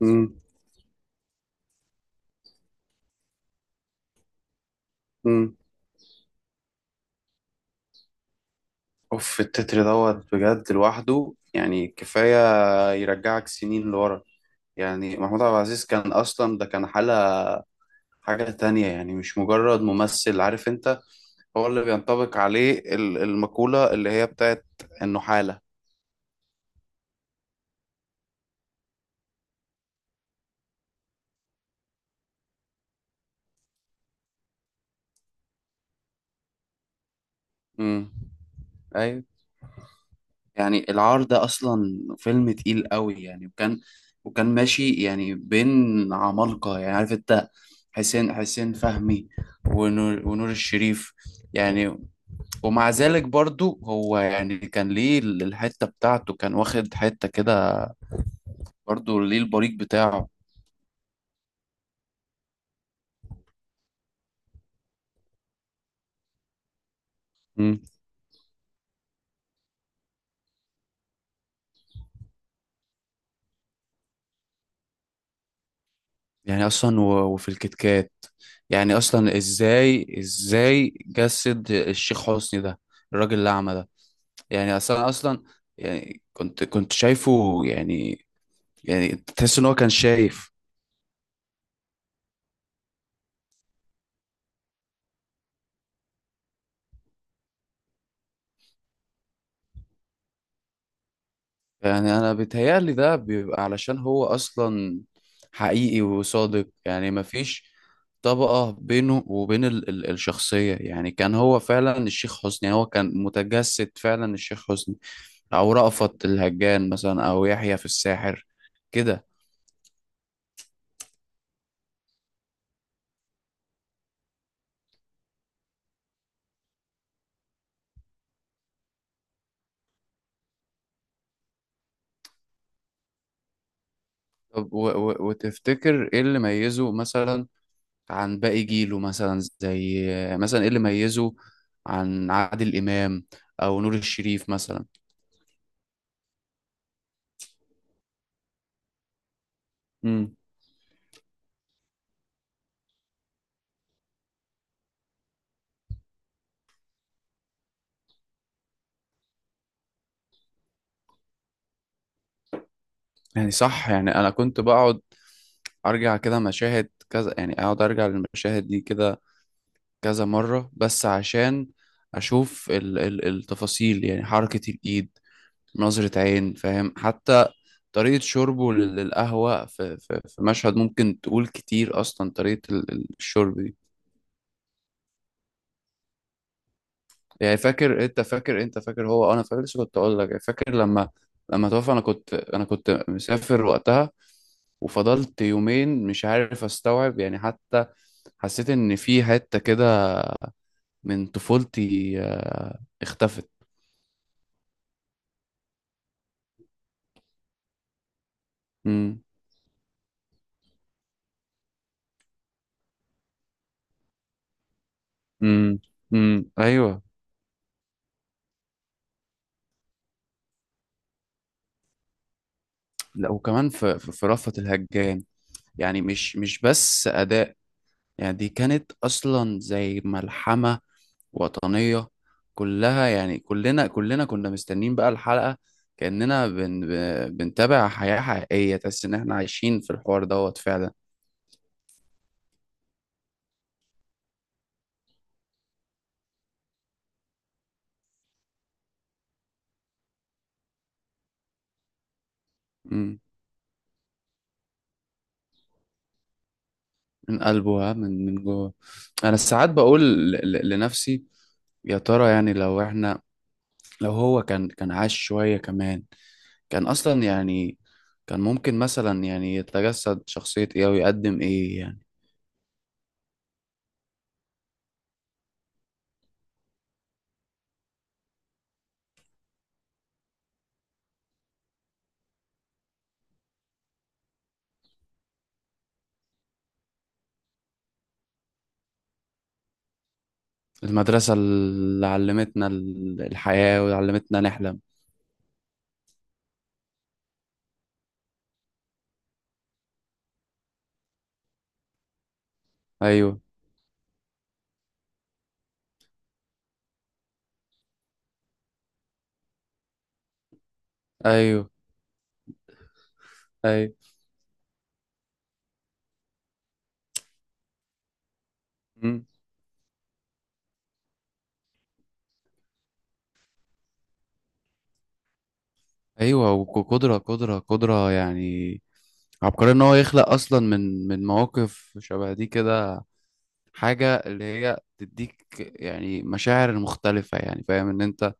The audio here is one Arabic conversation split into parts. مم. مم. اوف التتر دوت بجد لوحده يعني كفاية يرجعك سنين لورا. يعني محمود عبد العزيز كان أصلا ده كان حالة، حاجة تانية يعني مش مجرد ممثل، عارف انت. هو اللي بينطبق عليه المقولة اللي هي بتاعت انه حالة. مم. ايوه. يعني العار ده اصلا فيلم تقيل قوي يعني، وكان ماشي يعني بين عمالقة، يعني عارف انت. حسين فهمي، ونور الشريف. يعني ومع ذلك برضو هو يعني كان ليه الحتة بتاعته، كان واخد حتة كده، برضو ليه البريق بتاعه. مم. يعني أصلا و- وفي الكتكات، يعني أصلا إزاي جسد الشيخ حسني ده، الراجل الأعمى ده. يعني أصلا، يعني كنت شايفه يعني، يعني تحس إن هو كان شايف. يعني انا بيتهيألي ده بيبقى علشان هو اصلا حقيقي وصادق، يعني مفيش طبقة بينه وبين ال الشخصية، يعني كان هو فعلا الشيخ حسني، يعني هو كان متجسد فعلا الشيخ حسني، او رأفت الهجان مثلا، او يحيى في الساحر كده. طب و و وتفتكر ايه اللي ميزه مثلا عن باقي جيله، مثلا زي مثلا، ايه اللي ميزه عن عادل امام او نور الشريف مثلا؟ امم يعني صح. يعني انا كنت بقعد ارجع كده مشاهد كذا، يعني اقعد ارجع للمشاهد دي كده كذا مرة، بس عشان اشوف ال التفاصيل، يعني حركة الايد، نظرة عين، فاهم، حتى طريقة شربه للقهوة، في مشهد ممكن تقول كتير اصلا طريقة الشرب دي. يعني فاكر انت فاكر انت فاكر هو انا فاكر، لسه كنت اقول لك يعني، فاكر لما توفى، انا كنت، مسافر وقتها، وفضلت يومين مش عارف استوعب يعني، حتى حسيت ان في حتة كده من طفولتي اختفت. امم. امم. امم. ايوه. لا، وكمان في في رأفت الهجان، يعني مش بس أداء، يعني دي كانت أصلا زي ملحمة وطنية كلها، يعني كلنا كنا مستنين بقى الحلقة كأننا بنتابع حياة حقيقية، تحس إن إحنا عايشين في الحوار دوت فعلا. امم، من قلبه ها، من جوه. أنا ساعات بقول لنفسي يا ترى، يعني لو إحنا، لو هو كان عاش شوية كمان، كان أصلا يعني كان ممكن مثلا يعني يتجسد شخصية إيه أو يقدم إيه، يعني. المدرسة اللي علمتنا الحياة وعلمتنا نحلم. أيوه. أيوه. أيوه. مم. أيوه. وقدرة، قدرة قدرة يعني عبقرية، إن هو يخلق أصلا من مواقف شبه دي كده حاجة اللي هي تديك يعني مشاعر مختلفة، يعني فاهم إن أنت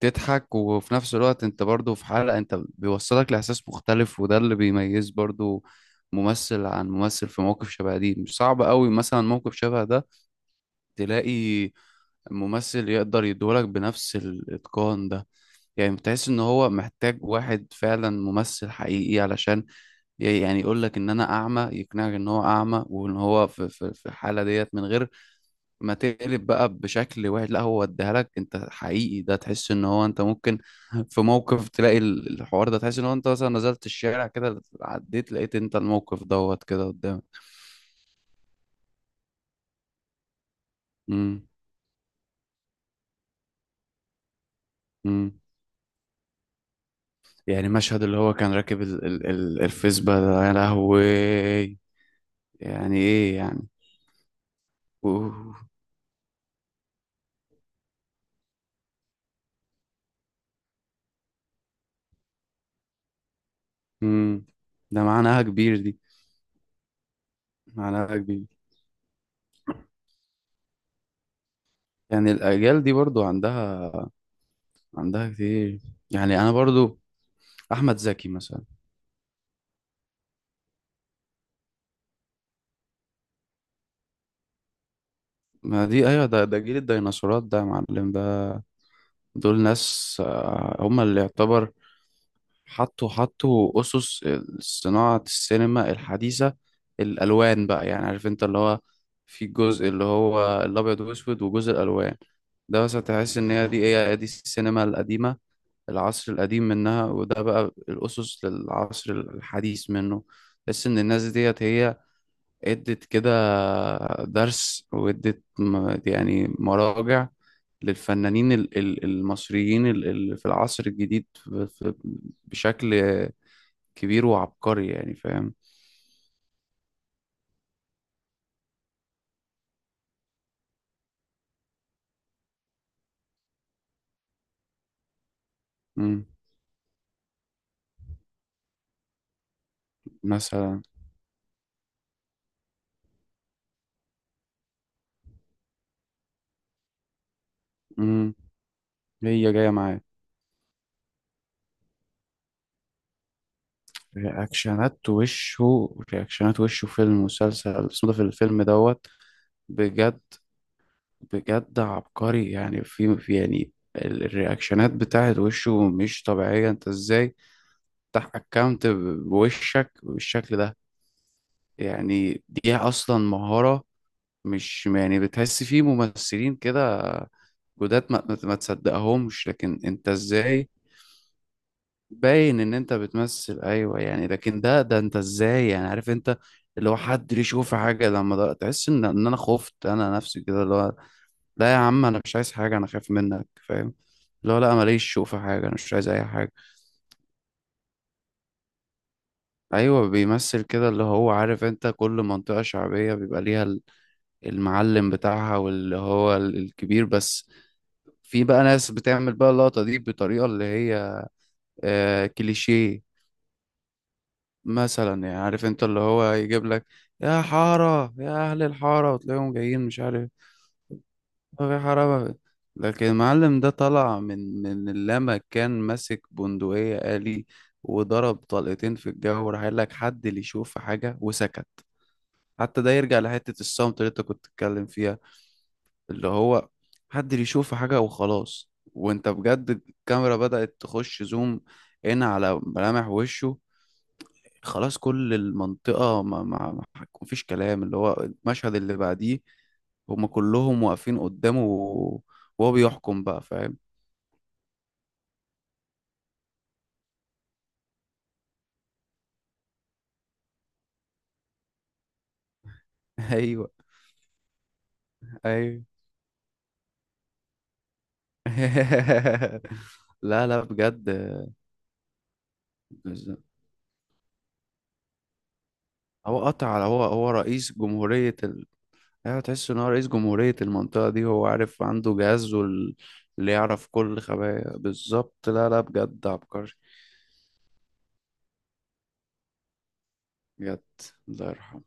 تضحك وفي نفس الوقت انت برضو في حلقة، انت بيوصلك لإحساس مختلف، وده اللي بيميز برضو ممثل عن ممثل. في مواقف شبه دي مش صعب قوي، مثلا موقف شبه ده، تلاقي ممثل يقدر يدولك بنفس الإتقان ده؟ يعني بتحس ان هو محتاج واحد فعلا ممثل حقيقي علشان يعني يقولك ان انا اعمى، يقنعك ان هو اعمى، وان هو في الحالة ديت، من غير ما تقلب بقى بشكل واحد، لا، هو اديها لك انت حقيقي. ده تحس ان هو انت ممكن في موقف تلاقي الحوار ده، تحس ان هو انت مثلا نزلت الشارع كده عديت لقيت انت الموقف دوت كده قدامك. امم. امم. يعني مشهد اللي هو كان راكب ال الفيسبا ده يا لهوي، يعني ايه يعني! اوه. امم. ده معناها كبير دي، معناها كبير. يعني الاجيال دي برضو عندها كتير، يعني انا برضو احمد زكي مثلا. ما دي ايوه، ده جيل الديناصورات ده يا معلم، ده دول ناس هم اللي يعتبر حطوا حطوا اسس صناعة السينما الحديثة. الالوان بقى يعني عارف انت اللي هو في جزء اللي هو الابيض والاسود وجزء الالوان، ده بس هتحس ان هي دي ايه، دي السينما القديمة، العصر القديم منها، وده بقى الاسس للعصر الحديث منه. تحس ان الناس ديت هي ادت كده درس، وادت يعني مراجع للفنانين المصريين في العصر الجديد بشكل كبير وعبقري، يعني فاهم. مم. مثلا. مم. هي جاية معايا رياكشنات وشه في المسلسل اسمه ده في الفيلم دوت. بجد، بجد عبقري يعني، يعني الرياكشنات بتاعت وشه مش طبيعية. انت ازاي تفتح اكونت بوشك بالشكل ده؟ يعني دي اصلا مهارة. مش يعني بتحس في ممثلين كده جداد ما تصدقهمش، لكن انت ازاي باين ان انت بتمثل، ايوه يعني. لكن ده ده انت ازاي يعني، عارف انت اللي هو حد ليه يشوف حاجة، لما ده تحس ان انا خفت انا نفسي، كده اللي هو لا يا عم انا مش عايز حاجة، انا خايف منك فاهم. اللي هو لا ماليش، شوف في حاجة، انا مش عايز اي حاجة. ايوه بيمثل كده اللي هو، عارف انت، كل منطقة شعبية بيبقى ليها المعلم بتاعها، واللي هو الكبير بس. في بقى ناس بتعمل بقى اللقطة دي بطريقة اللي هي آه كليشيه مثلا، يعني عارف انت اللي هو يجيب لك يا حارة يا أهل الحارة، وتلاقيهم جايين مش عارف، ما في حارة ما لكن المعلم ده طلع من، لما كان ماسك بندقية آلي وضرب طلقتين في الجو، راح قال لك حد اللي يشوف في حاجة، وسكت. حتى ده يرجع لحتة الصمت اللي انت كنت بتتكلم فيها، اللي هو محدش يشوف حاجة وخلاص. وانت بجد الكاميرا بدأت تخش زوم هنا على ملامح وشه، خلاص كل المنطقة ما هيكون فيش كلام، اللي هو المشهد اللي بعديه، هما كلهم واقفين قدامه وهو بيحكم بقى، فاهم. ايوه. ايوه. لا، لا، بجد. هو قطع على، هو رئيس جمهورية. ايوه تحس ان هو رئيس جمهورية المنطقة دي، هو عارف، عنده جهاز اللي يعرف كل خبايا بالظبط. لا، لا، بجد عبقري. بجد الله يرحمه.